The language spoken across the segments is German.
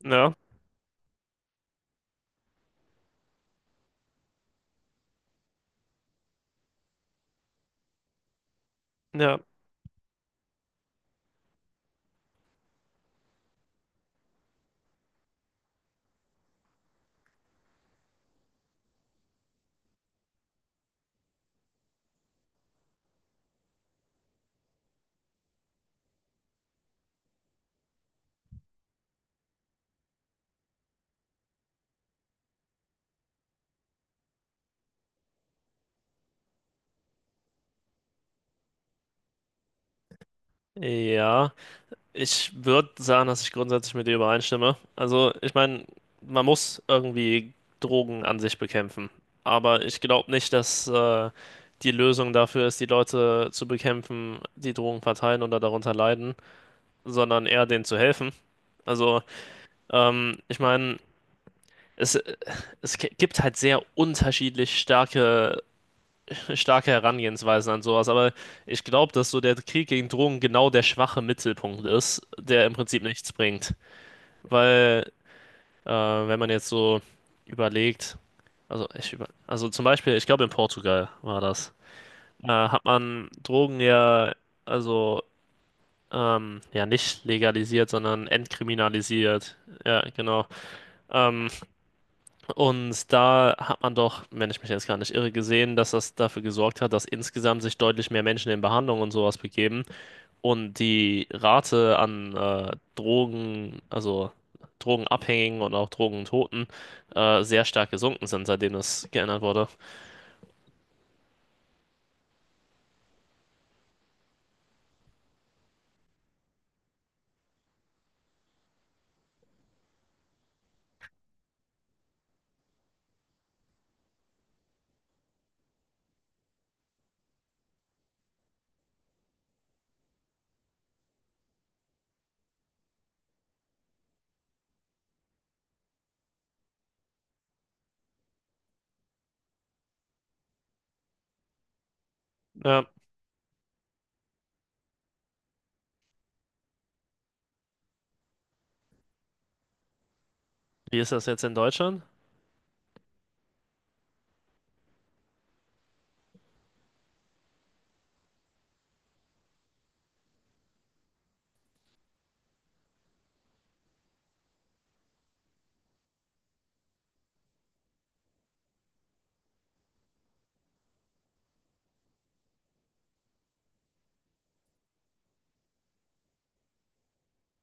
Ja, ja, ja. Ich würde sagen, dass ich grundsätzlich mit dir übereinstimme. Also, ich meine, man muss irgendwie Drogen an sich bekämpfen. Aber ich glaube nicht, dass die Lösung dafür ist, die Leute zu bekämpfen, die Drogen verteilen oder darunter leiden, sondern eher denen zu helfen. Also, ich meine, es, es gibt halt sehr unterschiedlich starke Herangehensweisen an sowas, aber ich glaube, dass so der Krieg gegen Drogen genau der schwache Mittelpunkt ist, der im Prinzip nichts bringt. Weil, wenn man jetzt so überlegt, also, also zum Beispiel, ich glaube, in Portugal war das, hat man Drogen ja, also, ja, nicht legalisiert, sondern entkriminalisiert. Ja, genau. Ähm, Und da hat man doch, wenn ich mich jetzt gar nicht irre, gesehen, dass das dafür gesorgt hat, dass insgesamt sich deutlich mehr Menschen in Behandlung und sowas begeben und die Rate an Drogen, also Drogenabhängigen und auch Drogentoten sehr stark gesunken sind, seitdem das geändert wurde. Ja, wie ist das jetzt in Deutschland?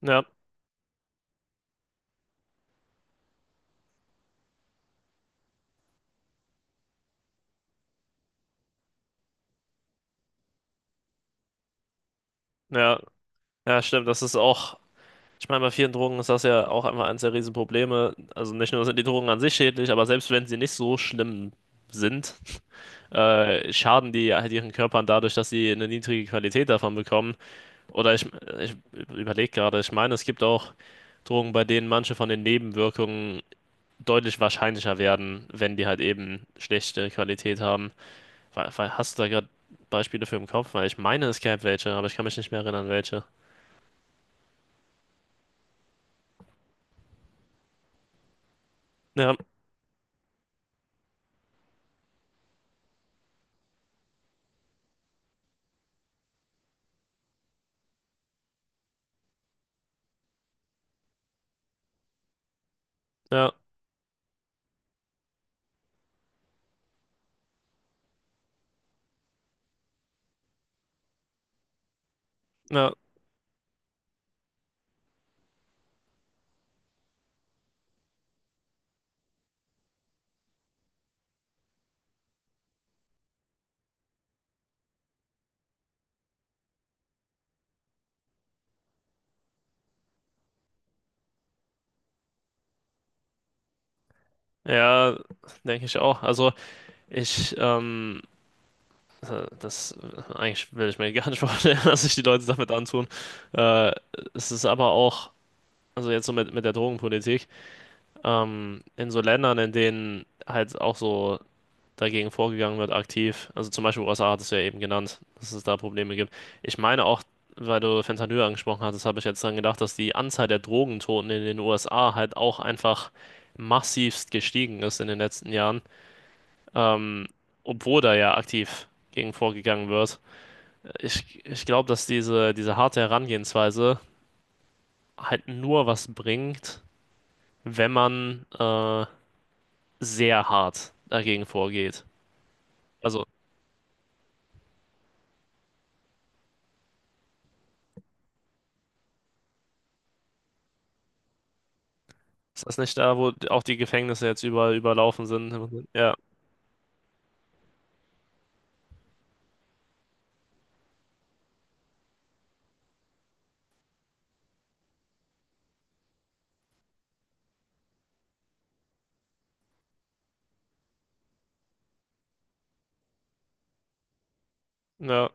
Ja, ja, ja, stimmt, das ist auch. Ich meine, bei vielen Drogen ist das ja auch einfach eines der Riesenprobleme. Also nicht nur sind die Drogen an sich schädlich, aber selbst wenn sie nicht so schlimm sind, schaden die halt ihren Körpern dadurch, dass sie eine niedrige Qualität davon bekommen. Oder ich, ich überlege gerade, ich meine, es gibt auch Drogen, bei denen manche von den Nebenwirkungen deutlich wahrscheinlicher werden, wenn die halt eben schlechte Qualität haben. Hast du da gerade Beispiele für im Kopf? Weil ich meine, es gäbe welche, aber ich kann mich nicht mehr erinnern, welche. Ja, ja, ja. Ja, denke ich auch. Also ich das eigentlich will ich mir gar nicht vorstellen, dass sich die Leute damit antun. Äh, es ist aber auch, also jetzt mit der Drogenpolitik, in so Ländern, in denen halt auch so dagegen vorgegangen wird, aktiv, also zum Beispiel USA hattest du ja eben genannt, dass es da Probleme gibt. Ich meine auch, weil du Fentanyl angesprochen hattest, habe ich jetzt dann gedacht, dass die Anzahl der Drogentoten in den USA halt auch einfach massivst gestiegen ist in den letzten Jahren, ähm, obwohl da ja aktiv gegen vorgegangen wird. Ich glaube, dass diese harte Herangehensweise halt nur was bringt, wenn man sehr hart dagegen vorgeht. Also, ist das nicht da, wo auch die Gefängnisse jetzt überall überlaufen sind? Ja, ja,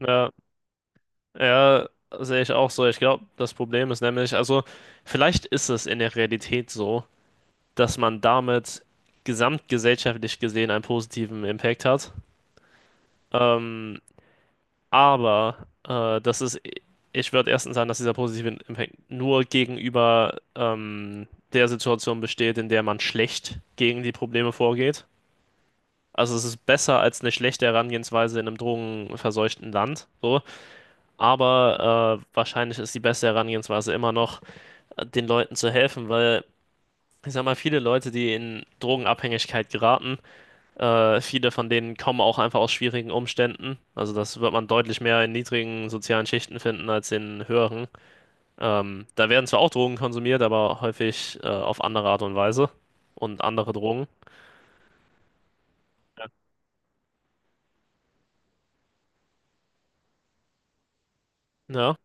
ja, ja, sehe ich auch so. Ich glaube, das Problem ist nämlich, also, vielleicht ist es in der Realität so, dass man damit gesamtgesellschaftlich gesehen einen positiven Impact hat. Ähm, Aber ich würde erstens sagen, dass dieser positive Impact nur gegenüber der Situation besteht, in der man schlecht gegen die Probleme vorgeht. Also es ist besser als eine schlechte Herangehensweise in einem drogenverseuchten Land, so. Aber wahrscheinlich ist die beste Herangehensweise immer noch, den Leuten zu helfen, weil ich sag mal, viele Leute, die in Drogenabhängigkeit geraten, viele von denen kommen auch einfach aus schwierigen Umständen. Also das wird man deutlich mehr in niedrigen sozialen Schichten finden als in höheren. Da werden zwar auch Drogen konsumiert, aber häufig auf andere Art und Weise und andere Drogen. Ja, ja,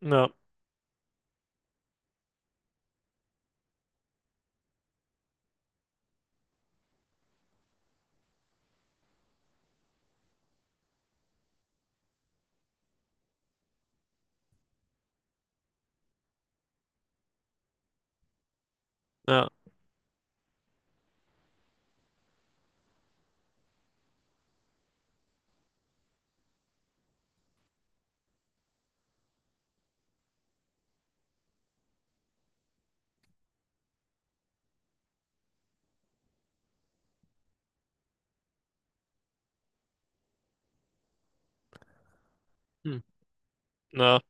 ja, ja. Hm. Ja.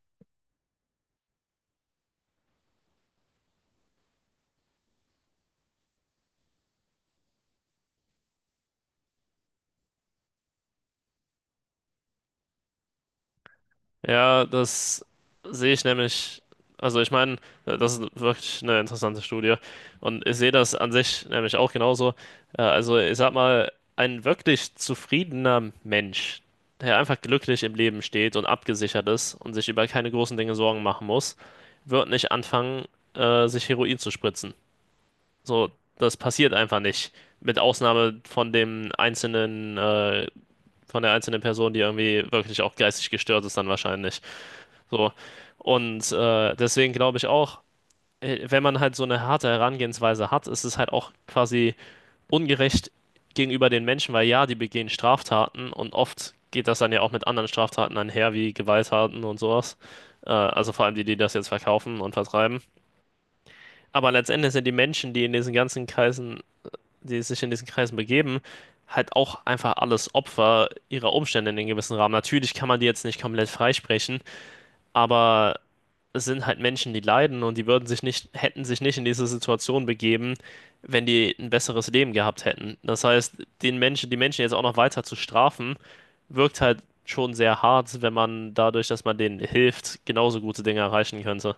Ja, das sehe ich nämlich. Also ich meine, das ist wirklich eine interessante Studie. Und ich sehe das an sich nämlich auch genauso. Also ich sag mal, ein wirklich zufriedener Mensch, der einfach glücklich im Leben steht und abgesichert ist und sich über keine großen Dinge Sorgen machen muss, wird nicht anfangen, sich Heroin zu spritzen. So, das passiert einfach nicht. Mit Ausnahme von von der einzelnen Person, die irgendwie wirklich auch geistig gestört ist, dann wahrscheinlich. So. Und deswegen glaube ich auch, wenn man halt so eine harte Herangehensweise hat, ist es halt auch quasi ungerecht gegenüber den Menschen, weil ja, die begehen Straftaten und oft geht das dann ja auch mit anderen Straftaten einher, wie Gewalttaten und sowas. Also vor allem die, die das jetzt verkaufen und vertreiben. Aber letztendlich sind die Menschen, die sich in diesen Kreisen begeben, halt auch einfach alles Opfer ihrer Umstände in einem gewissen Rahmen. Natürlich kann man die jetzt nicht komplett freisprechen, aber es sind halt Menschen, die leiden und die würden sich nicht, hätten sich nicht in diese Situation begeben, wenn die ein besseres Leben gehabt hätten. Das heißt, die Menschen jetzt auch noch weiter zu strafen, wirkt halt schon sehr hart, wenn man dadurch, dass man denen hilft, genauso gute Dinge erreichen könnte.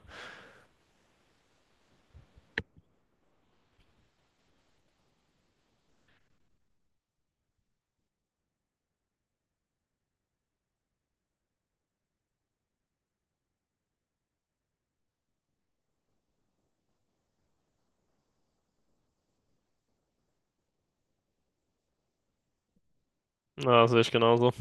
Ja, das sehe ich genauso.